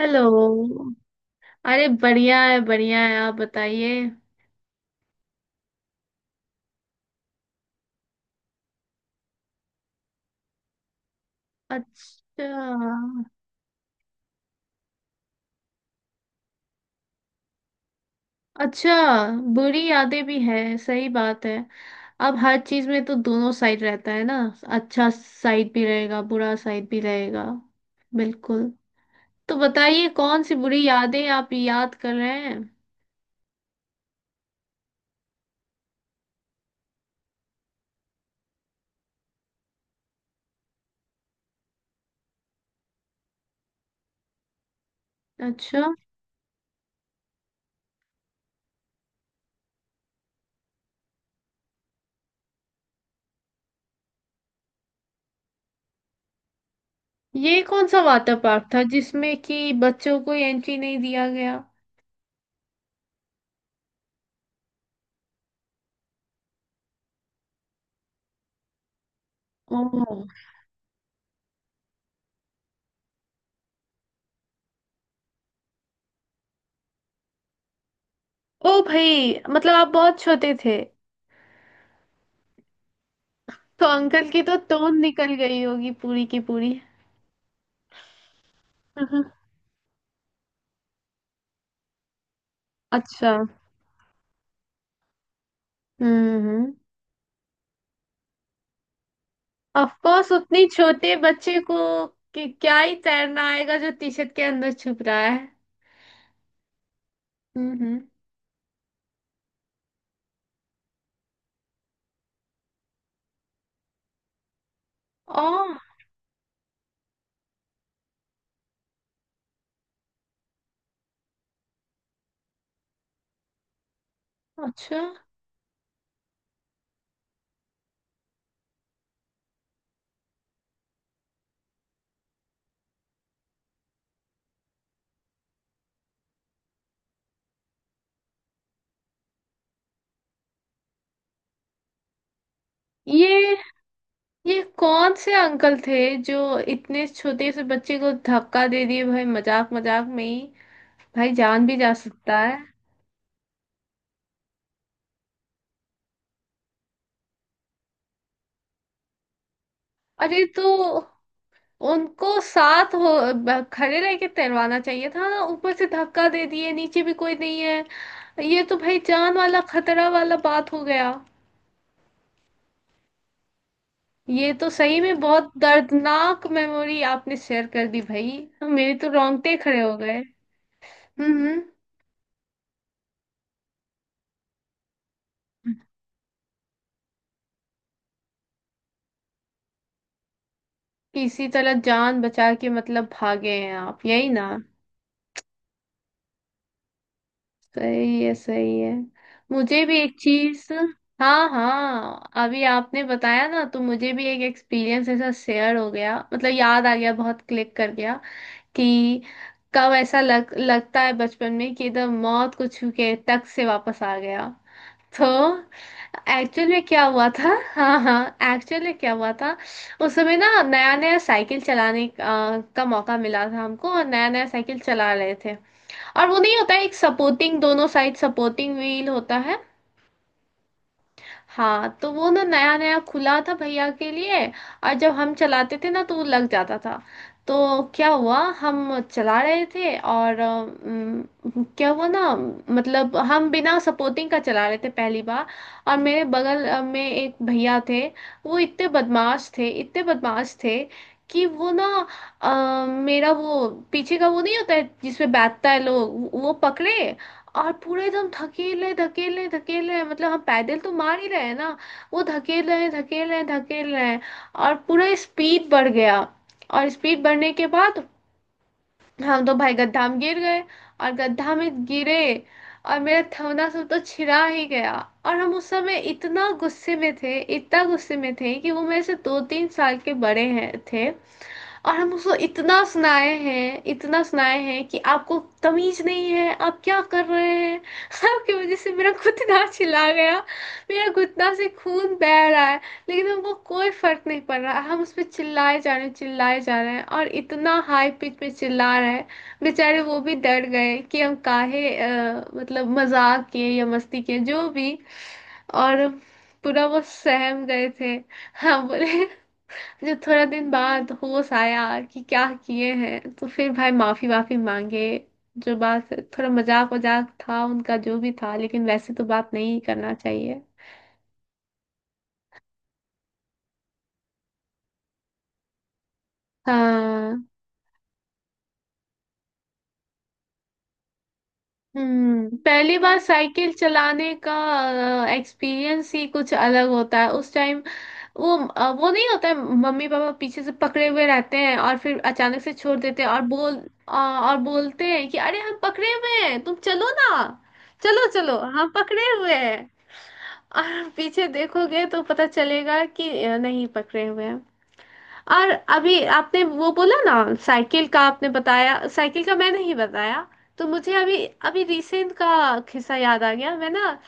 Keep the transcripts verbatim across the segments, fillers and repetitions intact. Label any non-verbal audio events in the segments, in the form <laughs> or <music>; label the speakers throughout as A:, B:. A: Hello. अरे बढ़िया है बढ़िया है, आप बताइए। अच्छा। अच्छा, बुरी यादें भी है, सही बात है। अब हर चीज में तो दोनों साइड रहता है ना। अच्छा साइड भी रहेगा, बुरा साइड भी रहेगा। बिल्कुल। तो बताइए, कौन सी बुरी यादें आप याद कर रहे हैं। अच्छा। ये कौन सा वाटर पार्क था जिसमें कि बच्चों को एंट्री नहीं दिया गया। ओह। ओ भाई, मतलब आप बहुत छोटे थे। तो अंकल की तो टोन निकल गई होगी पूरी की पूरी। हम्म। अच्छा। हम्म। ऑफ कोर्स, उतनी छोटे बच्चे को, कि क्या ही तैरना आएगा जो टी शर्ट के अंदर छुप रहा है। हम्म। ओ। अच्छा। ये ये कौन से अंकल थे, जो इतने छोटे से बच्चे को धक्का दे दिए भाई, मजाक मजाक में ही। भाई जान भी जा सकता है। अरे तो उनको साथ हो, ब- खड़े रह के तैरवाना चाहिए था ना, ऊपर से धक्का दे दिए, नीचे भी कोई नहीं है। ये तो भाई जान वाला खतरा वाला बात हो गया। ये तो सही में बहुत दर्दनाक मेमोरी आपने शेयर कर दी भाई। मेरे तो रोंगटे खड़े हो गए। हम्म हम्म। किसी तरह जान बचा के मतलब भागे हैं आप, यही ना। सही है सही है। मुझे भी एक चीज। हाँ हाँ, अभी आपने बताया ना तो मुझे भी एक एक्सपीरियंस ऐसा शेयर हो गया, मतलब याद आ गया, बहुत क्लिक कर गया। कि कब ऐसा लग लगता है बचपन में, कि एकदम मौत को छू के टक से वापस आ गया। तो एक्चुअल में क्या हुआ था <laughs> हाँ हाँ, एक्चुअल में क्या हुआ था। उस समय ना, नया नया साइकिल चलाने का, का मौका मिला था हमको, और नया नया साइकिल चला रहे थे। और वो नहीं होता है एक सपोर्टिंग, दोनों साइड सपोर्टिंग व्हील होता है। हाँ, तो वो ना नया नया खुला था भैया के लिए। और जब हम चलाते थे ना तो वो लग जाता था। तो क्या हुआ, हम चला रहे थे और अम, क्या हुआ ना, मतलब हम बिना सपोर्टिंग का चला रहे थे पहली बार। और मेरे बगल अ, में एक भैया थे। वो इतने बदमाश थे इतने बदमाश थे, कि वो ना अ, मेरा वो पीछे का वो नहीं होता है जिसपे बैठता है लोग, वो पकड़े। और पूरा एकदम धकेल रहे धकेल रहे धकेल रहे हैं। मतलब हम पैदल तो मार ही रहे हैं ना। वो धकेल रहे हैं धकेल रहे हैं धकेल रहे हैं। और पूरा स्पीड बढ़ गया। और स्पीड बढ़ने के बाद हम तो भाई गड्ढा में गिर गए। और गड्ढा में गिरे, और मेरा थोड़ा सा तो छिरा ही गया। और हम उस समय इतना गुस्से में थे इतना गुस्से में थे, कि वो मेरे से दो तीन साल के बड़े हैं थे। और हम उसको इतना सुनाए हैं इतना सुनाए हैं, कि आपको तमीज नहीं है, आप क्या कर रहे हैं <laughs> आपकी वजह से मेरा घुटना छिला गया, मेरा घुटना से खून बह रहा है। लेकिन हमको कोई फर्क नहीं पड़ रहा, हम उस पर चिल्लाए जा रहे हैं चिल्लाए जा रहे हैं, और इतना हाई पिच में चिल्ला रहे हैं। बेचारे वो भी डर गए, कि हम काहे अ, मतलब मजाक किए या मस्ती किए जो भी। और पूरा वो सहम गए थे। हाँ बोले। फिर थोड़ा दिन बाद होश आया कि क्या किए हैं, तो फिर भाई माफी वाफी मांगे। जो बात, थोड़ा मजाक वजाक था उनका जो भी था, लेकिन वैसे तो बात नहीं करना चाहिए। हाँ। हम्म। पहली बार साइकिल चलाने का एक्सपीरियंस ही कुछ अलग होता है उस टाइम। वो अ, वो नहीं होता है, मम्मी पापा पीछे से पकड़े हुए रहते हैं और फिर अचानक से छोड़ देते हैं और बोल अ, और बोलते हैं कि अरे हम पकड़े हुए हैं, तुम चलो ना, चलो चलो हम पकड़े हुए हैं। और पीछे देखोगे तो पता चलेगा कि अ, नहीं पकड़े हुए हैं। और अभी आपने वो बोला ना साइकिल का, आपने बताया साइकिल का, मैं नहीं बताया। तो मुझे अभी अभी रिसेंट का किस्सा याद आ गया। मैं ना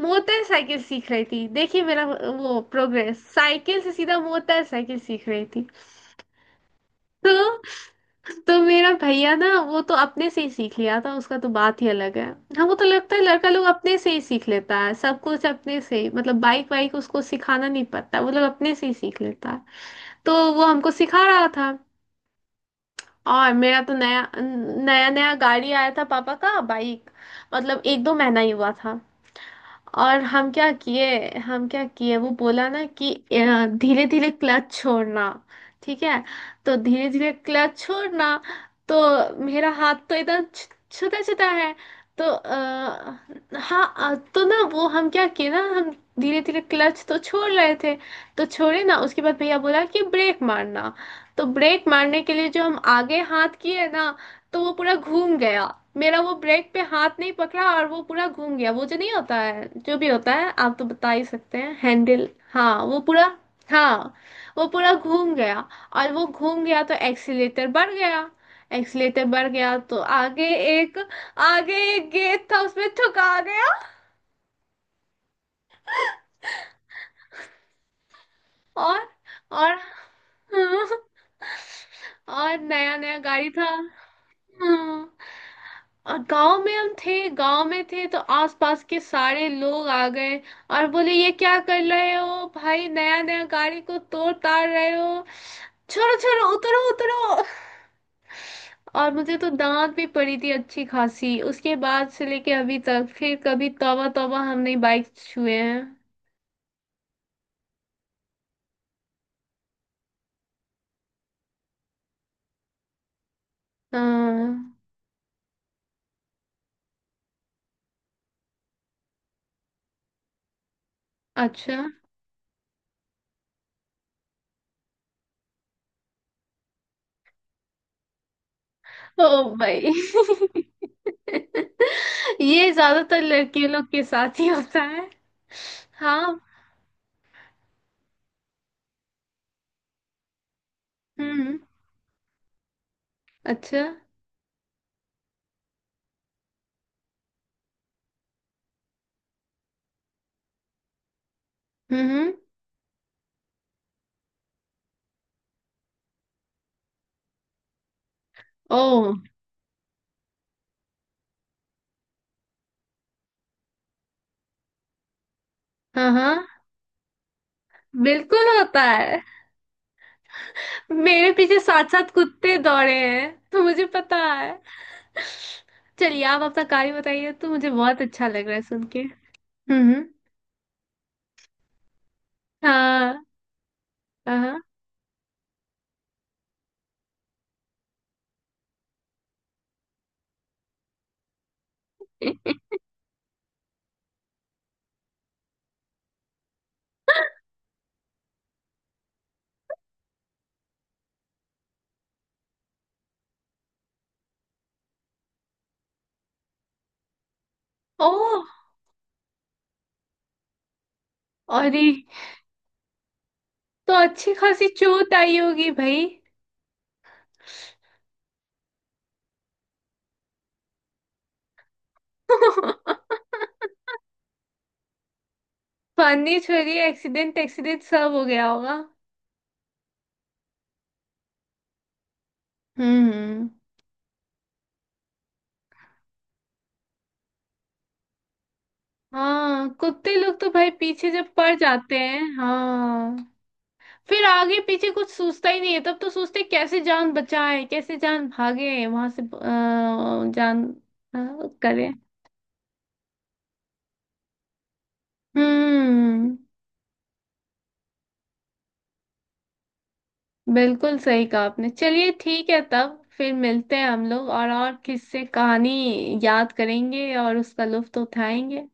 A: मोटर साइकिल सीख रही थी, देखिए मेरा वो प्रोग्रेस, साइकिल से सीधा मोटर साइकिल सीख रही थी। तो तो मेरा भैया ना वो तो अपने से ही सीख लिया था, उसका तो बात ही अलग है। हाँ वो तो लगता है लड़का लोग अपने से ही सीख लेता है सब कुछ, अपने से ही मतलब बाइक वाइक उसको सिखाना नहीं पड़ता, वो लोग अपने से ही सीख लेता है। तो वो हमको सिखा रहा था। और मेरा तो नया नया नया गाड़ी आया था, पापा का बाइक। मतलब एक दो महीना ही हुआ था। और हम क्या किए, हम क्या किए, वो बोला ना कि धीरे धीरे क्लच छोड़ना। ठीक है। तो धीरे धीरे क्लच छोड़ना। तो मेरा हाथ तो इधर छुटा छुटा है। तो आ, हाँ अ, तो ना वो हम क्या किए ना, हम धीरे धीरे क्लच तो छोड़ रहे थे। तो छोड़े ना, उसके बाद भैया बोला कि ब्रेक मारना। तो ब्रेक मारने के लिए जो हम आगे हाथ किए ना, तो वो पूरा घूम गया। मेरा वो ब्रेक पे हाथ नहीं पकड़ा और वो पूरा घूम गया, वो जो नहीं होता है, जो भी होता है आप तो बता ही सकते हैं, हैंडल, हाँ वो पूरा। हाँ वो पूरा घूम गया। और वो घूम गया तो एक्सीलेटर बढ़ गया। एक्सीलेटर बढ़ गया तो आगे एक आगे एक गेट था उसमें ठुका गया। और और <laughs> और नया नया गाड़ी था। हाँ। और गांव में हम थे, गांव में थे तो आसपास के सारे लोग आ गए। और बोले ये क्या कर रहे हो भाई, नया नया गाड़ी को तोड़ ताड़ रहे हो, छोड़ो छोड़ो उतरो उतरो। और मुझे तो दांत भी पड़ी थी अच्छी खासी, उसके बाद से लेके अभी तक फिर कभी तौबा तौबा हमने बाइक छुए हैं। हाँ। अच्छा। ओ भाई <laughs> ये ज्यादातर लड़कियों लोग के साथ ही होता है। हाँ। हम्म। अच्छा। हम्म हम्म। ओ। हाँ हाँ बिल्कुल होता है। मेरे पीछे सात सात कुत्ते दौड़े हैं, तो मुझे पता है। चलिए आप अपना कार्य बताइए, तो मुझे बहुत अच्छा लग रहा है सुन के। हम्म। हाँ हाँ। ओ। अरे तो अच्छी खासी चोट आई होगी भाई। <laughs> पानी छोरी एक्सीडेंट एक्सीडेंट सब हो गया होगा। हम्म। हाँ कुत्ते लोग तो भाई पीछे जब पड़ जाते हैं हाँ। फिर आगे पीछे कुछ सोचता ही नहीं है तब तो, सोचते हैं, कैसे जान बचाए कैसे जान भागे वहां से अ, जान अ, करे। हम्म। बिल्कुल सही कहा आपने। चलिए ठीक है, तब फिर मिलते हैं हम लोग और और किससे कहानी याद करेंगे और उसका लुत्फ तो उठाएंगे।